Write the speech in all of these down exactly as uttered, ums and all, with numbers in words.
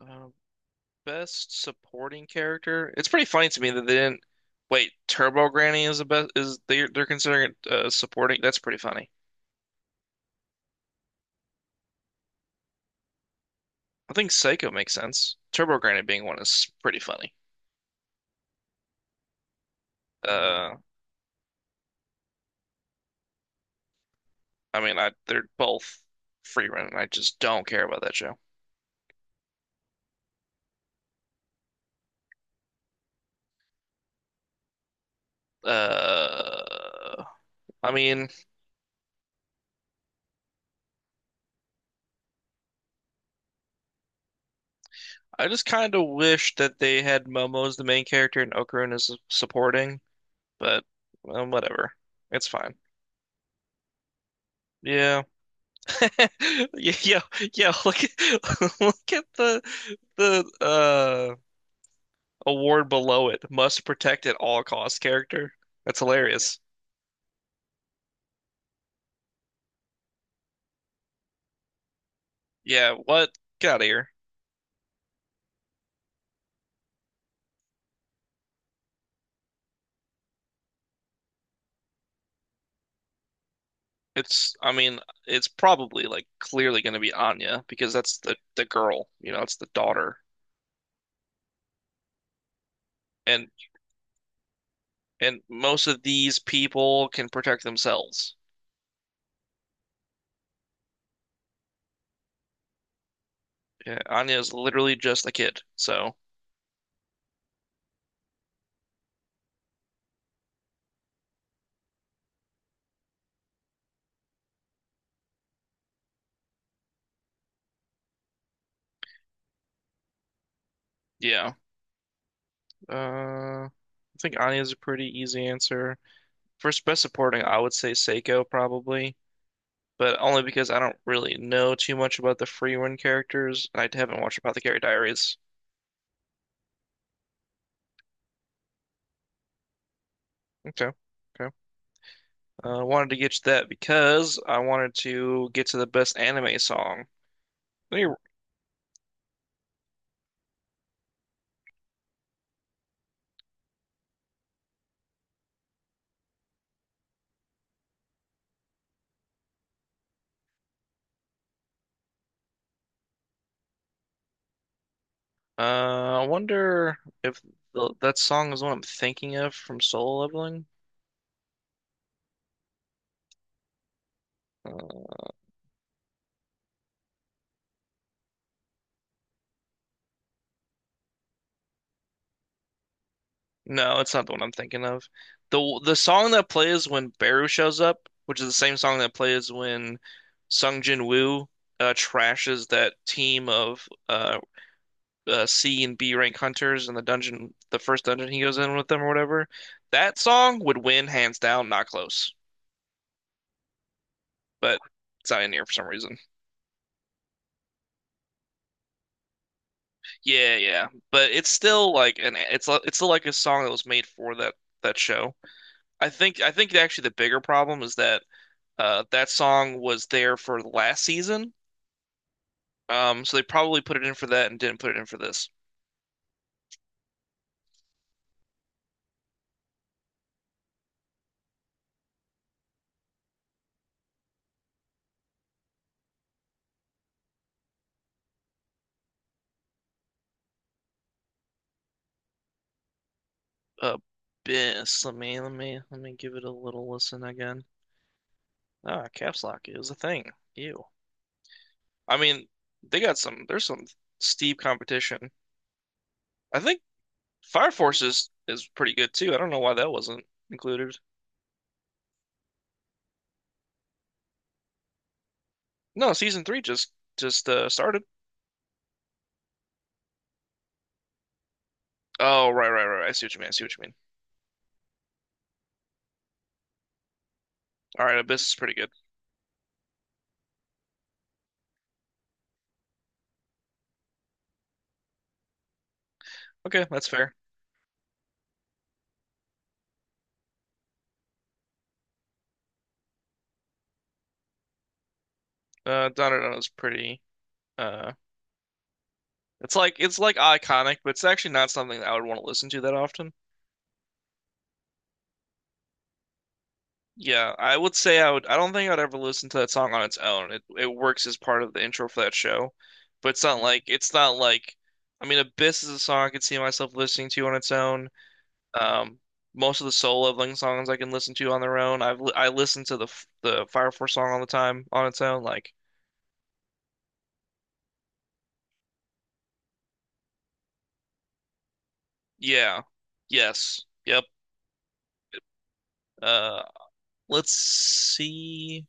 Uh, Best supporting character. It's pretty funny to me that they didn't. Wait, Turbo Granny is the best. Is they're they're considering it uh, supporting? That's pretty funny. I think Psycho makes sense. Turbo Granny being one is pretty funny. Uh, I mean, I they're both free running. I just don't care about that show. Uh, I mean, I just kind of wish that they had Momo as the main character and Okarun as supporting, but um, whatever. It's fine. Yeah. Yo, yo, look at look at the the uh award below it. Must protect at all costs character. That's hilarious. Yeah, what? Get out of here. It's I mean, it's probably like clearly gonna be Anya because that's the the girl, you know, it's the daughter. And and most of these people can protect themselves. Yeah, Anya is literally just a kid. So, yeah. Uh I think Anya's a pretty easy answer. For best supporting, I would say Seiko probably, but only because I don't really know too much about the Freewind characters. I haven't watched about the Gary Diaries. Okay. Okay. Uh, I uh, wanted to get you that because I wanted to get to the best anime song. Let me- Uh, I wonder if the, that song is what I'm thinking of from Solo Leveling. Uh, No, it's not the one I'm thinking of. The the song that plays when Baru shows up, which is the same song that plays when Sung Jin Woo uh, trashes that team of uh, uh, C and B rank hunters in the dungeon, the first dungeon he goes in with them or whatever. That song would win hands down, not close. But it's not in here for some reason. Yeah, yeah. But it's still like an it's li- it's still like a song that was made for that that show. I think I think actually the bigger problem is that. Uh, that song was there for last season, um, so they probably put it in for that and didn't put it in for this. Uh, Bis. Let me let me let me give it a little listen again. Ah, caps lock is a thing. Ew. I mean, they got some. There's some steep competition. I think Fire Force is is pretty good too. I don't know why that wasn't included. No, season three just just uh, started. Oh, right, right, right. right. I see what you mean. I see what you mean. All right, Abyss is pretty good. Okay, that's fair. Uh, Donadon is pretty uh it's like it's like iconic, but it's actually not something that I would want to listen to that often. Yeah, I would say I would. I don't think I'd ever listen to that song on its own. It it works as part of the intro for that show, but it's not like it's not like. I mean, Abyss is a song I could see myself listening to on its own. Um, Most of the soul leveling songs I can listen to on their own. I've li I listen to the f- the Fire Force song all the time on its own. Like, yeah, yes, yep. Uh, let's see.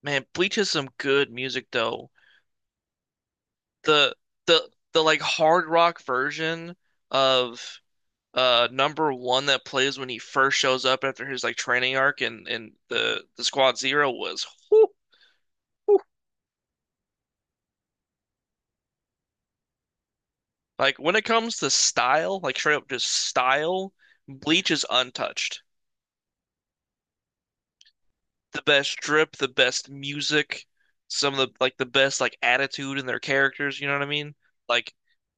Man, Bleach has some good music though. the the the like hard rock version of uh number one that plays when he first shows up after his like training arc and and the the Squad Zero was whew, whew. Like when it comes to style, like straight up just style, Bleach is untouched. The best drip, the best music, some of the like the best like attitude in their characters, you know what I mean? Like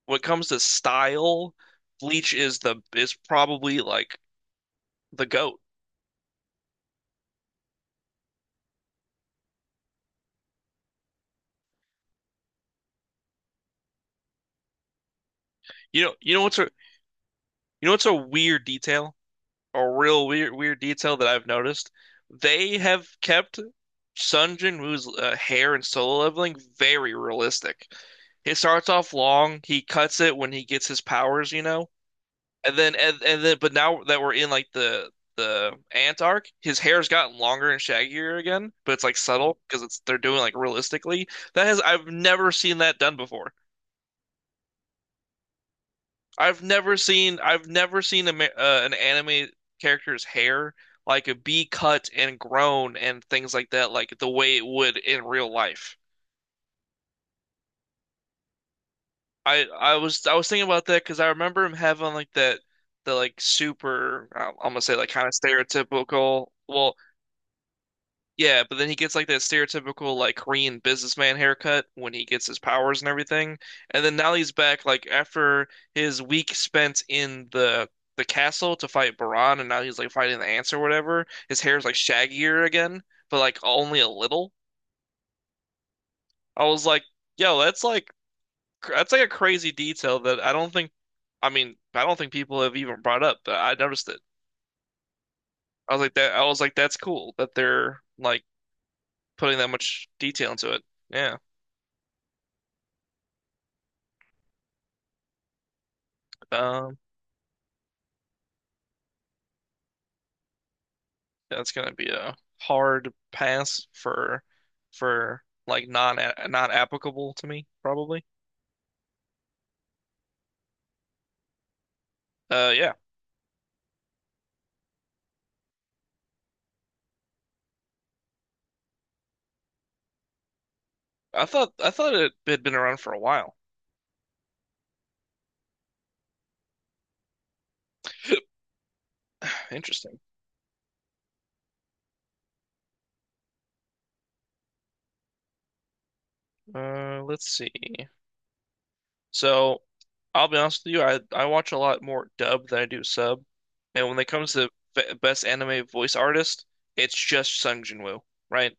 when it comes to style, Bleach is the is probably like the goat. You know, you know what's You know what's a weird detail? A real weird weird detail that I've noticed? They have kept Sun Jin Woo's uh, hair in Solo Leveling very realistic. It starts off long, he cuts it when he gets his powers, you know? And then and, and then but now that we're in like the the Ant arc, his hair's gotten longer and shaggier again, but it's like subtle because it's they're doing like realistically. That has I've never seen that done before. I've never seen I've never seen a, ma- uh, an anime character's hair like a be cut and grown and things like that like the way it would in real life. I I was I was thinking about that because I remember him having like that the like super I'm gonna say like kind of stereotypical well yeah, but then he gets like that stereotypical like Korean businessman haircut when he gets his powers and everything. And then now he's back like after his week spent in the the castle to fight Baran and now he's like fighting the ants or whatever. His hair's like shaggier again, but like only a little. I was like, yo, that's like cr- that's like a crazy detail that I don't think I mean, I don't think people have even brought up, but I noticed it. I was like that I was like that's cool that they're like putting that much detail into it. Yeah. Um, that's gonna be a hard pass for for like non not applicable to me, probably. Uh, yeah. I thought I thought it had been around for a while. Interesting. Uh, let's see. So, I'll be honest with you. I I watch a lot more dub than I do sub, and when it comes to be- best anime voice artist, it's just Sung Jin Woo, right?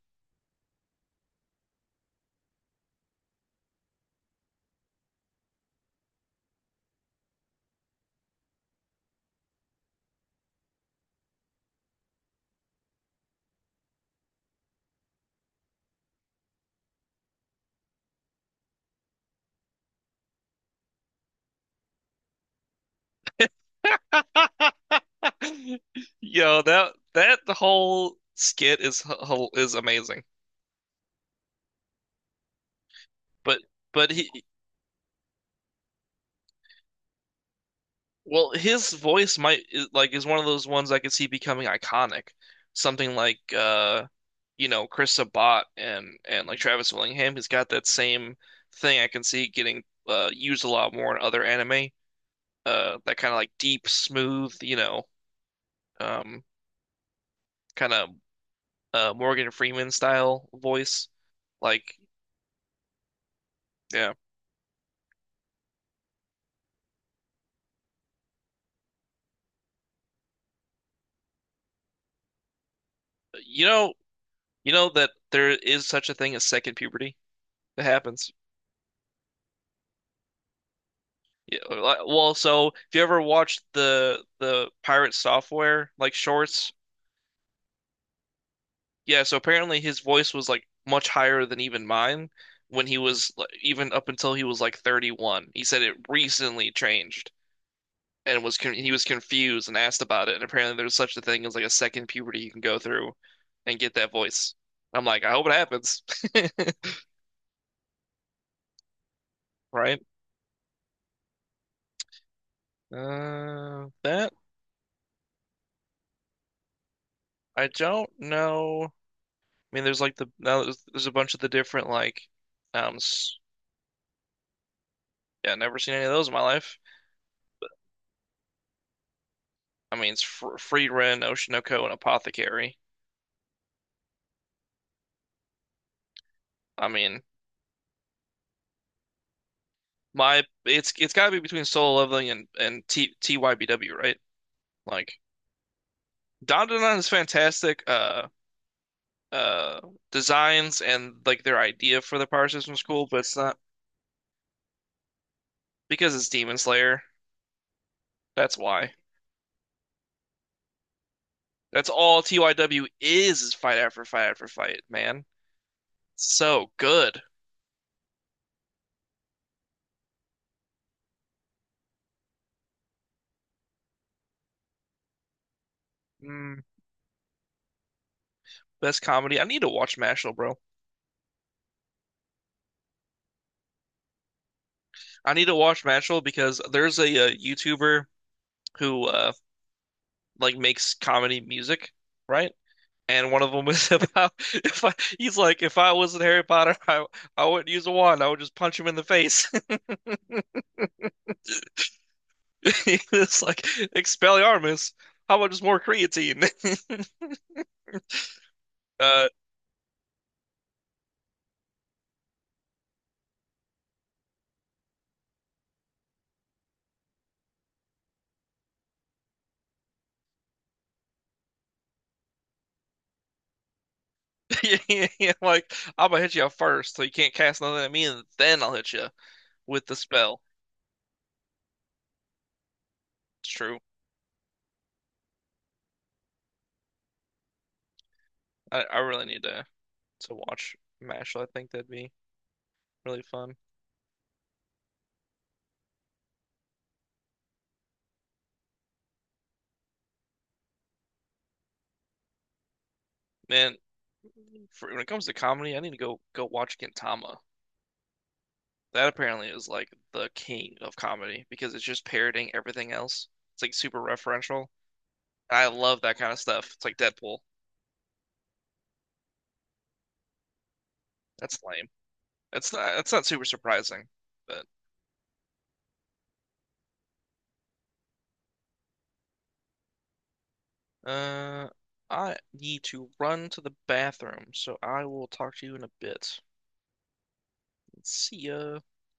Yo, that that whole skit is h- h- is amazing. But but he Well, his voice might is- like is one of those ones I could see becoming iconic. Something like uh you know, Chris Sabat and and like Travis Willingham, he's got that same thing I can see getting uh used a lot more in other anime. Uh that kind of like deep, smooth, you know, um kind of uh Morgan Freeman style voice. Like, yeah. You know, you know that there is such a thing as second puberty. It happens. Yeah, uh, li- well, so if you ever watched the the pirate software like shorts, yeah, so apparently his voice was like much higher than even mine when he was like, even up until he was like thirty-one. He said it recently changed and was con he was confused and asked about it. And apparently there's such a thing as like a second puberty you can go through and get that voice. I'm like, I hope it happens. Right? Uh, that I don't know. I mean, there's like the now there's, there's a bunch of the different like, um, s- yeah, never seen any of those in my life. I mean, it's fr Free Ren, Oshinoko, and Apothecary. I mean, my it's it's got to be between Solo Leveling and and T TYBW, right? Like Dandadan is fantastic. Uh, uh, Designs and like their idea for the power system's cool, but it's not because it's Demon Slayer. That's why. That's all T Y W is, is fight after fight after fight, man. So good. Mm. Best comedy. I need to watch Mashal, bro. I need to watch Mashal because there's a, uh YouTuber who uh like makes comedy music, right? And one of them was about if I, he's like, if I wasn't Harry Potter, I I wouldn't use a wand. I would just punch him in the face. It's like Expelliarmus. How about just more creatine? Uh, yeah, yeah, like I'm gonna hit you up first, so you can't cast nothing at me, and then I'll hit you with the spell. It's true. I, I really need to to watch Mashal. I think that'd be really fun. Man, for, when it comes to comedy, I need to go go watch Gintama. That apparently is like the king of comedy because it's just parroting everything else. It's like super referential. I love that kind of stuff. It's like Deadpool. That's lame. That's not that's not super surprising. But uh I need to run to the bathroom, so I will talk to you in a bit. See ya.